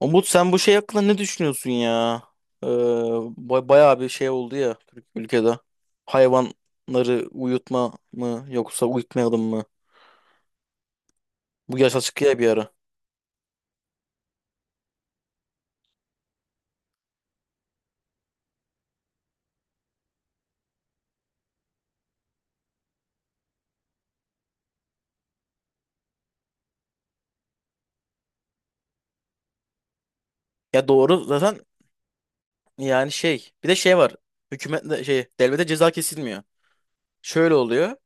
Umut, sen bu şey hakkında ne düşünüyorsun ya? Bayağı bir şey oldu ya Türk ülkede. Hayvanları uyutma mı yoksa uyutmayalım mı? Bu yaşa çıkıyor bir ara. Ya doğru zaten. Yani şey, bir de şey var. Hükümetle şey, devlete ceza kesilmiyor. Şöyle oluyor.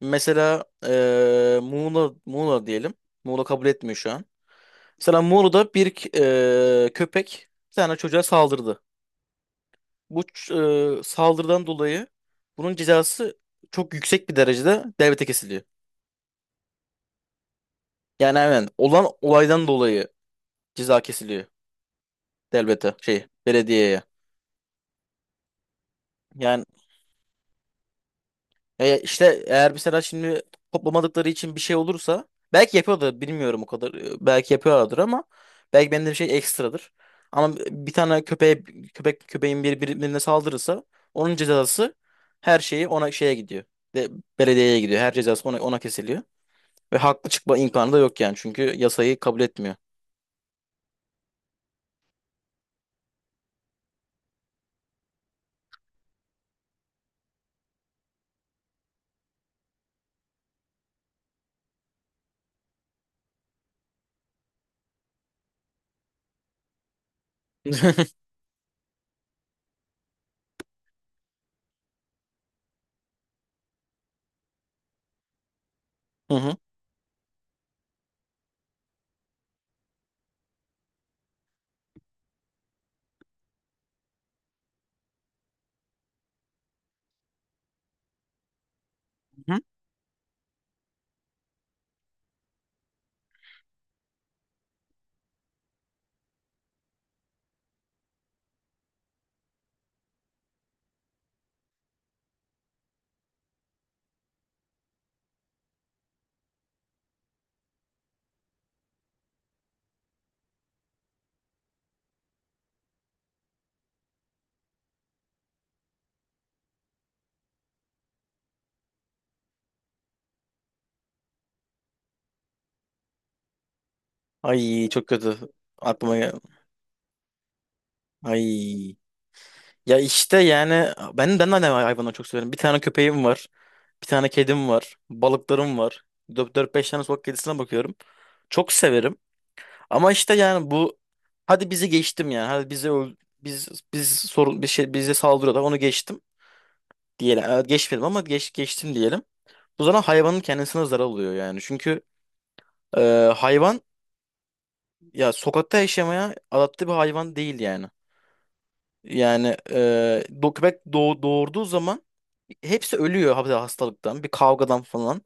Mesela Muğla diyelim. Muğla kabul etmiyor şu an. Mesela Muğla'da bir köpek bir tane çocuğa saldırdı. Bu saldırıdan dolayı bunun cezası çok yüksek bir derecede devlete kesiliyor. Yani hemen olan olaydan dolayı ceza kesiliyor devlete, şey, belediyeye. Yani işte eğer mesela şimdi toplamadıkları için bir şey olursa belki yapıyordur, bilmiyorum o kadar. E, belki yapıyorlardır ama belki benim de bir şey ekstradır. Ama bir tane köpeğe, köpeğin bir birbirine saldırırsa onun cezası, her şeyi ona, şeye gidiyor. De, belediyeye gidiyor. Her cezası ona, ona kesiliyor. Ve haklı çıkma imkanı da yok yani. Çünkü yasayı kabul etmiyor. Hı hı. Hı? Ay, çok kötü. Aklıma gel- Ay. Ya işte yani ben de hayvanları çok severim. Bir tane köpeğim var. Bir tane kedim var. Balıklarım var. Dört beş tane sokak kedisine bakıyorum. Çok severim. Ama işte yani bu, hadi bizi geçtim yani. Biz Biz sorun, bir şey bize saldırıyorlar. Onu geçtim diyelim. Evet, geçmedim ama geç geçtim diyelim. Bu zaman hayvanın kendisine zarar oluyor yani. Çünkü e, hayvan ya sokakta yaşamaya adapte bir hayvan değil yani. Yani doğurduğu zaman hepsi ölüyor hastalıktan, bir kavgadan falan.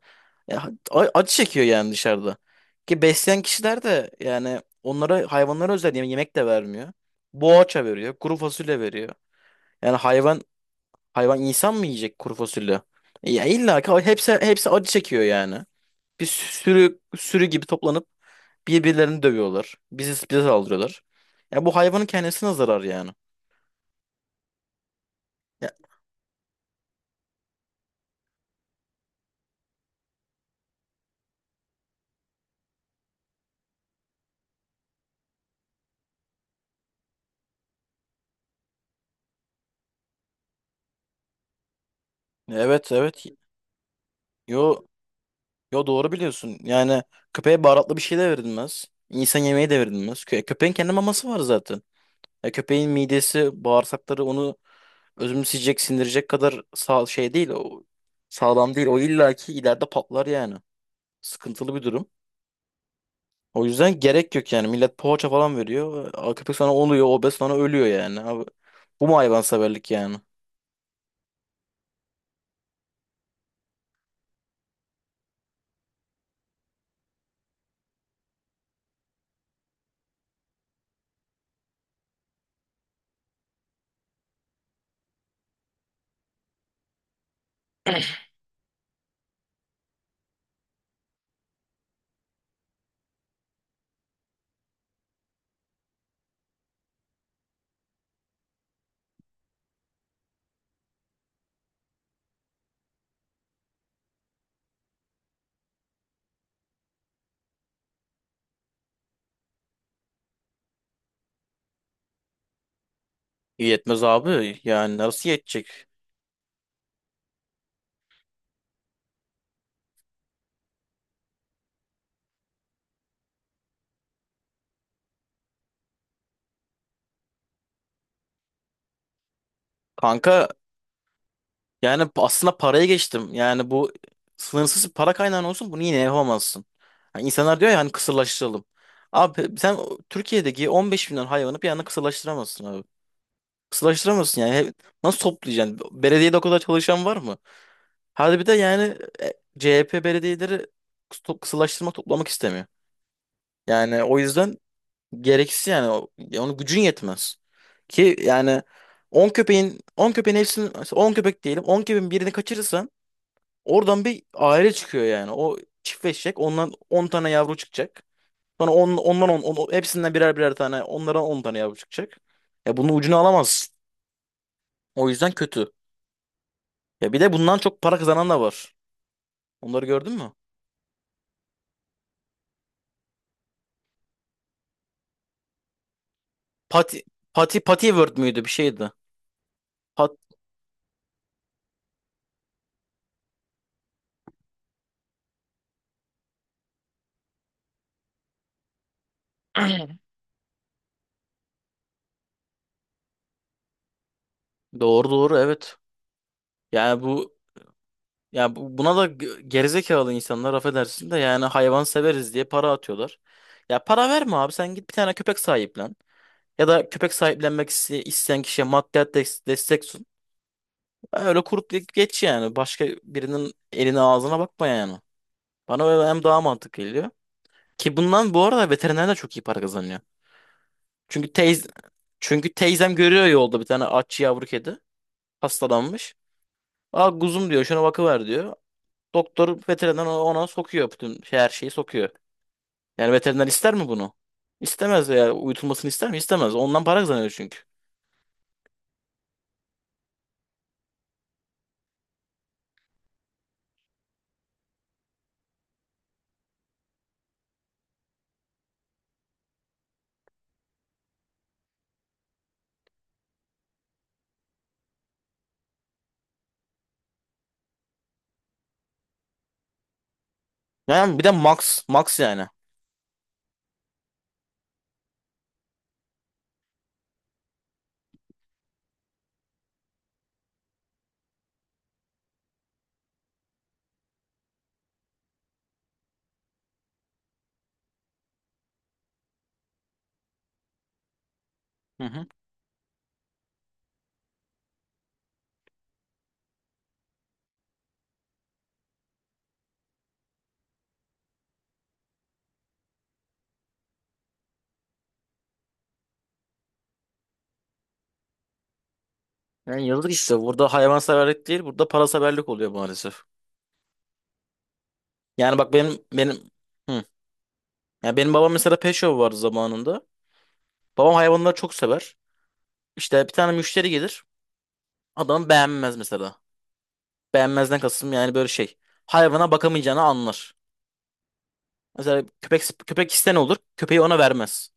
Ya, acı çekiyor yani dışarıda. Ki besleyen kişiler de yani onlara, hayvanlara özel yemek de vermiyor. Boğaça veriyor, kuru fasulye veriyor. Yani hayvan insan mı yiyecek kuru fasulye? Ya illa ki hepsi acı çekiyor yani. Bir sürü gibi toplanıp birbirlerini dövüyorlar. Bize saldırıyorlar. Ya bu hayvanın kendisine zarar yani. Ya, evet evet. Yo, yo, doğru biliyorsun. Yani köpeğe baharatlı bir şey de verilmez. İnsan yemeği de verilmez. Köpeğin kendi maması var zaten. Ya köpeğin midesi, bağırsakları onu özümseyecek, sindirecek kadar sağ şey değil. O sağlam değil. O illaki ileride patlar yani. Sıkıntılı bir durum. O yüzden gerek yok yani. Millet poğaça falan veriyor. Aa, köpek sonra oluyor obez, sonra ölüyor yani. Abi, bu mu hayvanseverlik yani? İyi abi. Yani nasıl yetecek? Kanka yani aslında paraya geçtim. Yani bu, sınırsız bir para kaynağın olsun bunu yine yapamazsın. Yani insanlar diyor ya hani kısırlaştıralım. Abi sen Türkiye'deki 15 milyon hayvanı bir anda kısırlaştıramazsın abi. Kısırlaştıramazsın yani. He- Nasıl toplayacaksın? Belediyede o kadar çalışan var mı? Hadi bir de yani CHP belediyeleri kısırlaştırmak, toplamak istemiyor. Yani o yüzden gereksiz yani. Ya onun gücün yetmez. Ki yani 10 köpek diyelim, 10 köpeğin birini kaçırırsan oradan bir aile çıkıyor yani. O çiftleşecek. Ondan 10 tane yavru çıkacak. Sonra on, ondan on, on- hepsinden birer birer tane, onlara 10 tane yavru çıkacak. Ya bunun ucunu alamazsın. O yüzden kötü. Ya bir de bundan çok para kazanan da var. Onları gördün mü? Pati Patiworld müydü, bir şeydi. Pat, doğru doğru, evet. Yani bu, ya buna da gerizekalı insanlar, affedersin, de yani hayvan severiz diye para atıyorlar. Ya para verme abi, sen git bir tane köpek sahiplen. Ya da köpek sahiplenmek isteyen kişiye maddiyat destek sun. Öyle kurup geç yani. Başka birinin eline ağzına bakma yani. Bana öyle hem daha mantıklı geliyor. Ki bundan bu arada veteriner de çok iyi para kazanıyor. Çünkü teyz Çünkü teyzem görüyor yolda bir tane aç yavru kedi hastalanmış. Aa kuzum diyor, şuna bakıver diyor. Doktor veteriner ona, ona sokuyor bütün şey, her şeyi sokuyor. Yani veteriner ister mi bunu? İstemez ya. Uyutulmasını ister mi? İstemez. Ondan para kazanıyor çünkü. Yani bir de max yani. Hı hı. Yani yazık işte. Burada hayvanseverlik değil, burada paraseverlik oluyor maalesef. Yani bak benim, hı. Yani benim babam mesela, pet shop vardı zamanında. Babam hayvanları çok sever. İşte bir tane müşteri gelir. Adam beğenmez mesela. Beğenmezden kastım yani böyle şey, hayvana bakamayacağını anlar. Mesela köpek iste, ne olur? Köpeği ona vermez.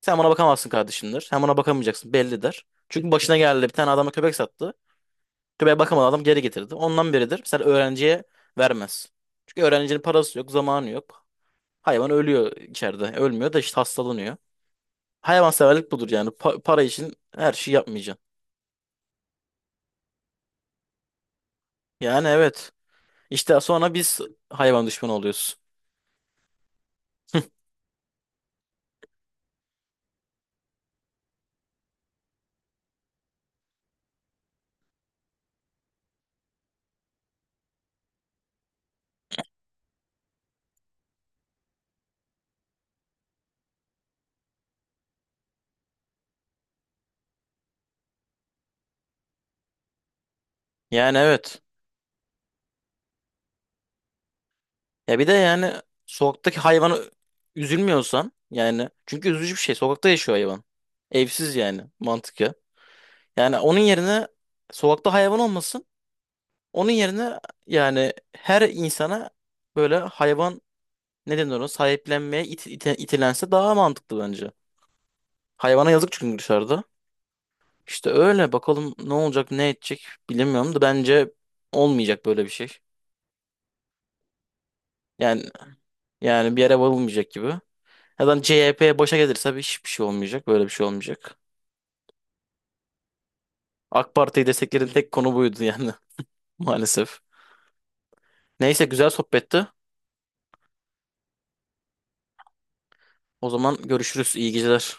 Sen ona bakamazsın kardeşimdir. Sen ona bakamayacaksın belli der. Çünkü başına geldi, bir tane adama köpek sattı. Köpeğe bakamadı, adam geri getirdi. Ondan beridir mesela öğrenciye vermez. Çünkü öğrencinin parası yok, zamanı yok. Hayvan ölüyor içeride. Ölmüyor da işte hastalanıyor. Hayvanseverlik budur yani. Para için her şeyi yapmayacaksın. Yani evet. İşte sonra biz hayvan düşmanı oluyoruz. Yani evet. Ya bir de yani sokaktaki hayvana üzülmüyorsan yani, çünkü üzücü bir şey. Sokakta yaşıyor hayvan. Evsiz yani, mantık ya. Yani onun yerine sokakta hayvan olmasın. Onun yerine yani her insana böyle hayvan, ne denir, ona sahiplenmeye itilense daha mantıklı bence. Hayvana yazık çünkü dışarıda. İşte öyle, bakalım ne olacak ne edecek, bilemiyorum da bence olmayacak böyle bir şey. Yani Yani bir yere varılmayacak gibi. Ya da CHP başa gelirse hiçbir şey olmayacak, böyle bir şey olmayacak. AK Parti'yi desteklerin tek konu buydu yani. Maalesef. Neyse, güzel sohbetti. O zaman görüşürüz. İyi geceler.